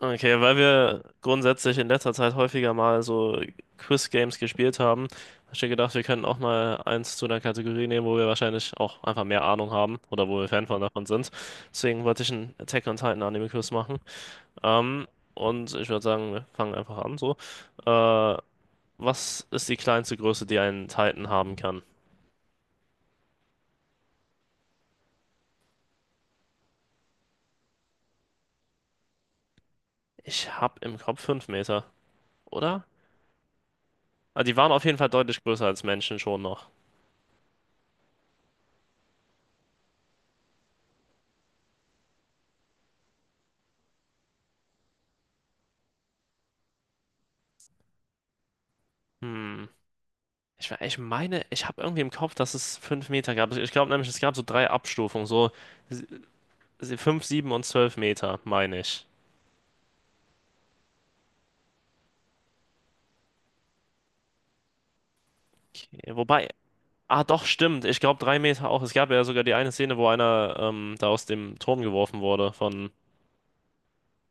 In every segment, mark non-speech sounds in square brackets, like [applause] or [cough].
Okay, weil wir grundsätzlich in letzter Zeit häufiger mal so Quiz-Games gespielt haben, habe ich mir gedacht, wir könnten auch mal eins zu einer Kategorie nehmen, wo wir wahrscheinlich auch einfach mehr Ahnung haben oder wo wir Fan von davon sind. Deswegen wollte ich einen Attack on Titan Anime-Quiz machen. Ähm, und ich würde sagen, wir fangen einfach an so. Äh, Was ist die kleinste Größe, die ein Titan haben kann? Ich habe im Kopf 5 Meter, oder? Ah, die waren auf jeden Fall deutlich größer als Menschen schon noch. Hm. Ich meine, ich habe irgendwie im Kopf, dass es 5 Meter gab. Ich glaube nämlich, es gab so drei Abstufungen, so sie- 5, 7 und 12 Meter, meine ich. Okay, wobei, ah doch, stimmt. Ich glaube 3 Meter auch. Es gab ja sogar die eine Szene, wo einer da aus dem Turm geworfen wurde von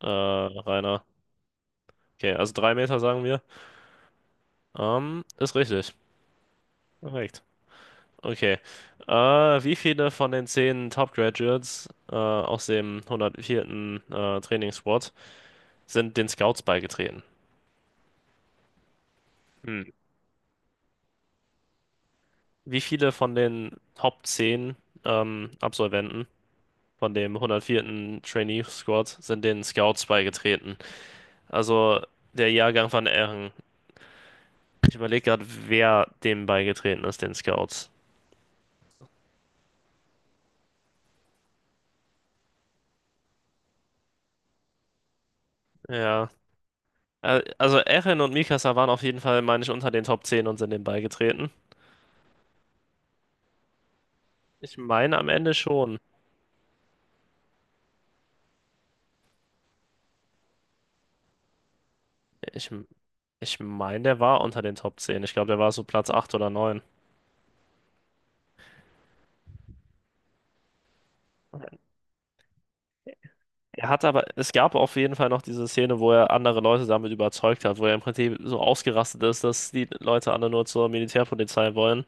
Rainer. Okay, also 3 Meter sagen wir. Ist richtig. Perfekt. Okay. Äh, Wie viele von den 10 Top Graduates aus dem hundertvierten Trainingsquad sind den Scouts beigetreten? Hm. Wie viele von den Top 10 Absolventen von dem 104. Trainee Squad sind den Scouts beigetreten? Also der Jahrgang von Ehren. Ich überlege gerade, wer dem beigetreten ist, den Scouts. Ja. Also Ehren und Mikasa waren auf jeden Fall, meine ich, unter den Top 10 und sind dem beigetreten. Ich meine am Ende schon. Ich, ich meine, der war unter den Top 10. Ich glaube, der war so Platz 8 oder 9. Er hat aber, es gab auf jeden Fall noch diese Szene, wo er andere Leute damit überzeugt hat, wo er im Prinzip so ausgerastet ist, dass die Leute alle nur zur Militärpolizei wollen,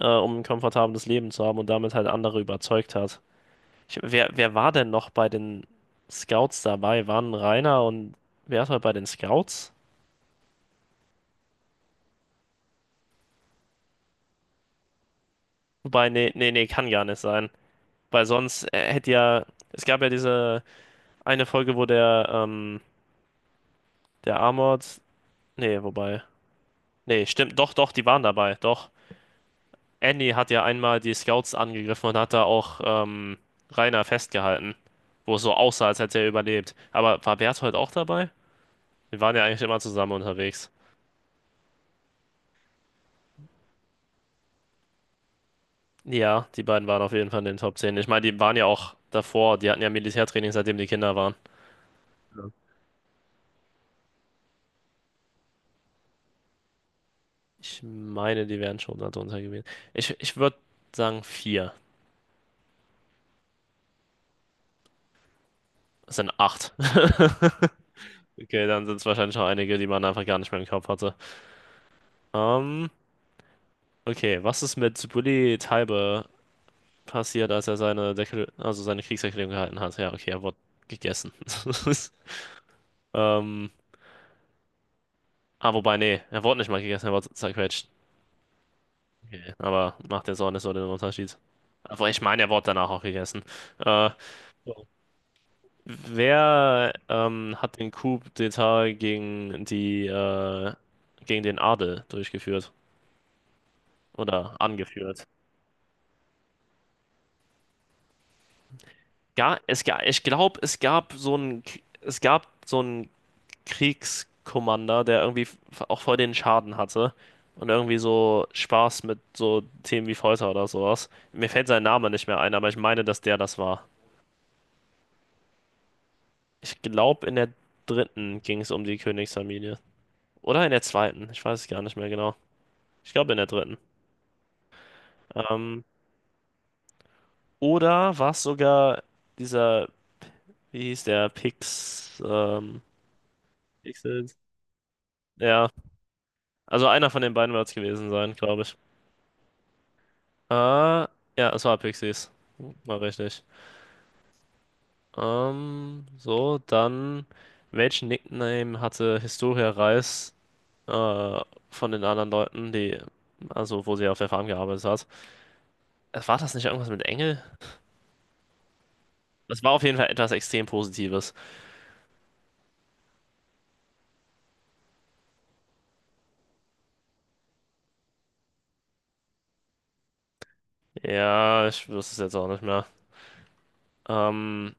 um ein komfortables Leben zu haben und damit halt andere überzeugt hat. Wer war denn noch bei den Scouts dabei? Waren Rainer und wer war bei den Scouts? Wobei, nee, nee, nee, kann gar nicht sein. Weil sonst hätte ja, es gab ja diese eine Folge, wo der Armored, nee, wobei, nee, stimmt, doch, doch, die waren dabei, doch. Annie hat ja einmal die Scouts angegriffen und hat da auch Rainer festgehalten, wo es so aussah, als hätte er überlebt. Aber war Berthold auch dabei? Wir waren ja eigentlich immer zusammen unterwegs. Ja, die beiden waren auf jeden Fall in den Top 10. Ich meine, die waren ja auch davor, die hatten ja Militärtraining, seitdem die Kinder waren. Ich meine, die wären schon darunter gewesen. Ich würde sagen vier. Es sind acht. [laughs] Okay, dann sind es wahrscheinlich auch einige, die man einfach gar nicht mehr im Kopf hatte. Ähm, okay, was ist mit Bully Taibe passiert, als er seine also seine Kriegserklärung gehalten hat. Ja, okay, er wurde gegessen. [laughs] Ähm, ah, wobei, nee, er wurde nicht mal gegessen, er wurde zerquetscht. Okay, aber macht jetzt auch nicht so den Unterschied. Aber ich meine, er wurde danach auch gegessen. Äh, Wer hat den Coup d'État gegen die gegen den Adel durchgeführt oder angeführt? Ja, ich glaube, es gab so ein Kriegskommander, der irgendwie auch voll den Schaden hatte und irgendwie so Spaß mit so Themen wie Folter oder sowas. Mir fällt sein Name nicht mehr ein, aber ich meine, dass der das war. Ich glaube, in der dritten ging es um die Königsfamilie. Oder in der zweiten, ich weiß es gar nicht mehr genau. Ich glaube, in der dritten. Ähm, oder war es sogar dieser, wie hieß der, Pixels? Ja, also einer von den beiden wird es gewesen sein, glaube ich. Ja, es war Pixies. War richtig. Ähm, so, dann, Welchen Nickname hatte Historia Reis äh, von den anderen Leuten, also wo sie auf der Farm gearbeitet hat? War das nicht irgendwas mit Engel? Das war auf jeden Fall etwas extrem Positives. Ja, ich wüsste es jetzt auch nicht mehr. Ähm,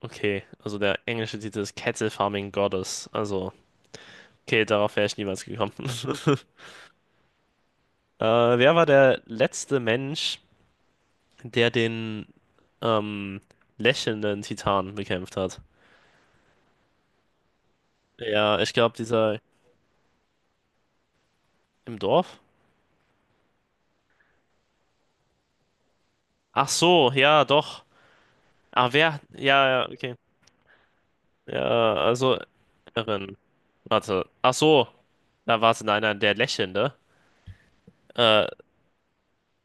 okay, also der englische Titel ist Cattle Farming Goddess. Also, okay, darauf wäre ich niemals gekommen. [laughs] Äh, Wer war der letzte Mensch, der den ähm, lächelnden Titan bekämpft hat? Ja, ich glaube, dieser im Dorf? Ach so, ja, doch. Ah, wer? Ja, ja, okay. Ja, also, Erin. Warte. Ach so. Na, warte, nein, nein, der Lächelnde. Äh,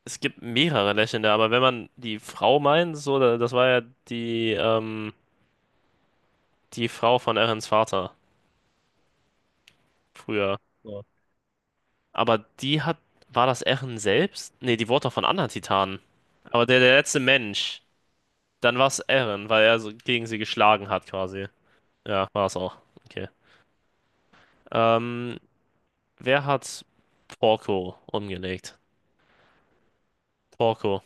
Es gibt mehrere Lächelnde, aber wenn man die Frau meint, so, das war ja die, ähm, die Frau von Erins Vater früher. So. Aber war das Erin selbst? Nee, die wurde doch von anderen Titanen. Aber der letzte Mensch, dann war es Erin, weil er so gegen sie geschlagen hat quasi. Ja, war es auch. Okay. Ähm, Wer hat Porco umgelegt? Porco.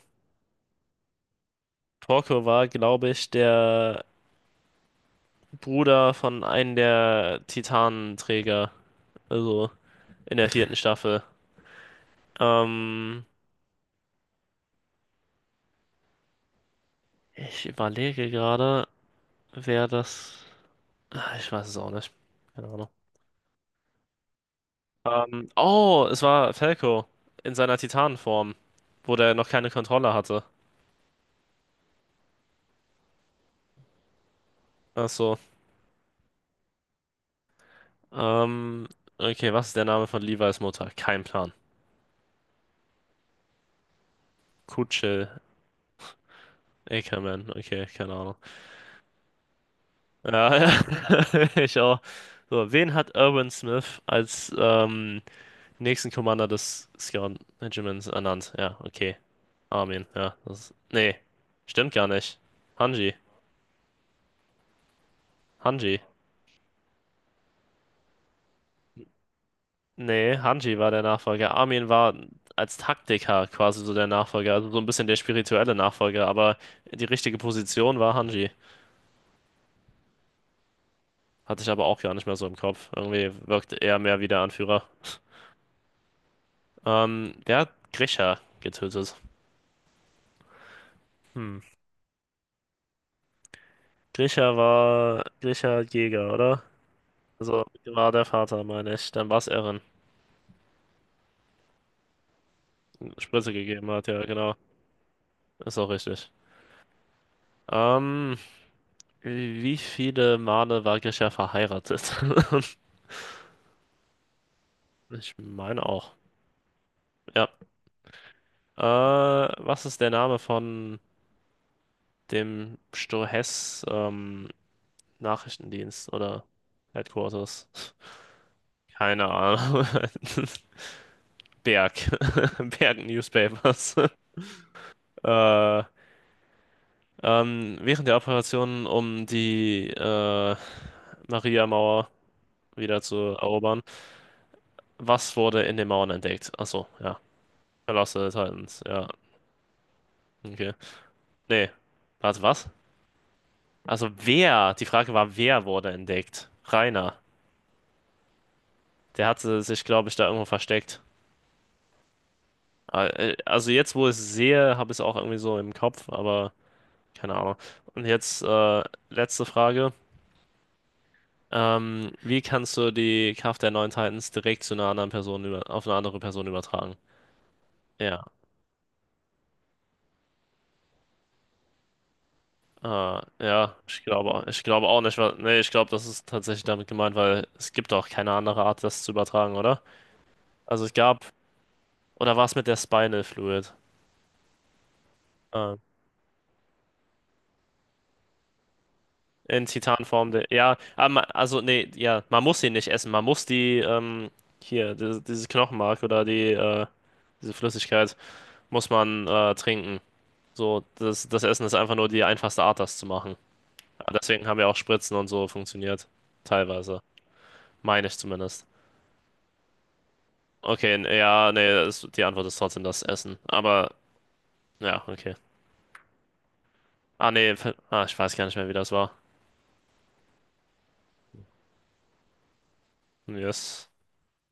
Porco war, glaube ich, der Bruder von einem der Titanenträger, also in der vierten Staffel. Ähm, Ich überlege gerade, wer das. Ah, ich weiß es auch nicht. Keine Ahnung. Oh, es war Falco in seiner Titanenform, wo der noch keine Kontrolle hatte. Ach so. Ähm, okay, was ist der Name von Levi's Mutter? Kein Plan. Kutsche, Ackerman, okay, keine Ahnung. Ja, ja, [laughs] ich auch. So, wen hat Irwin Smith als nächsten Commander des Scout Regiments ernannt? Ja, okay. Armin, ja. Nee, stimmt gar nicht. Hanji, Hanji. Nee, Hanji war der Nachfolger. Armin war als Taktiker quasi so der Nachfolger, also so ein bisschen der spirituelle Nachfolger, aber die richtige Position war Hanji. Hatte ich aber auch gar nicht mehr so im Kopf. Irgendwie wirkt er mehr wie der Anführer. [laughs] Der hat Grisha getötet. Hm. Grisha war Grisha Jäger, oder? Also war der Vater, meine ich. Dann war es Eren. Spritze gegeben hat, ja, genau. Ist auch richtig. Ähm, Wie viele Male war Grisha verheiratet? [laughs] Ich meine auch. Ja. Was ist der Name von dem Stohess Nachrichtendienst oder Headquarters? Keine Ahnung. [laughs] Berg. [laughs] Berg Newspapers. [laughs] Äh, Während der Operation, um die Maria-Mauer wieder zu erobern, was wurde in den Mauern entdeckt? Achso, ja. Verlasse des Titans, ja. Okay. Nee. Warte, was? Also wer? Die Frage war, wer wurde entdeckt? Rainer. Der hatte sich, glaube ich, da irgendwo versteckt. Also jetzt, wo ich es sehe, habe ich es auch irgendwie so im Kopf, aber keine Ahnung. Und jetzt letzte Frage. Wie kannst du die Kraft der neuen Titans direkt zu einer anderen Person auf eine andere Person übertragen? Ja, äh, ja, ich glaube auch nicht, weil, nee, ich glaube, das ist tatsächlich damit gemeint, weil es gibt auch keine andere Art, das zu übertragen, oder? Also es gab, oder war es mit der Spinal Fluid? Äh, in Titanform, der, ja, aber also nee, ja, man muss sie nicht essen, man muss dieses Knochenmark oder diese Flüssigkeit muss man trinken. So, das Essen ist einfach nur die einfachste Art, das zu machen. Aber deswegen haben ja auch Spritzen und so funktioniert. Teilweise. Meine ich zumindest. Okay, ja, nee, die Antwort ist trotzdem das Essen. Aber, ja, okay. Ah, nee, ah, ich weiß gar nicht mehr, wie das war. Yes.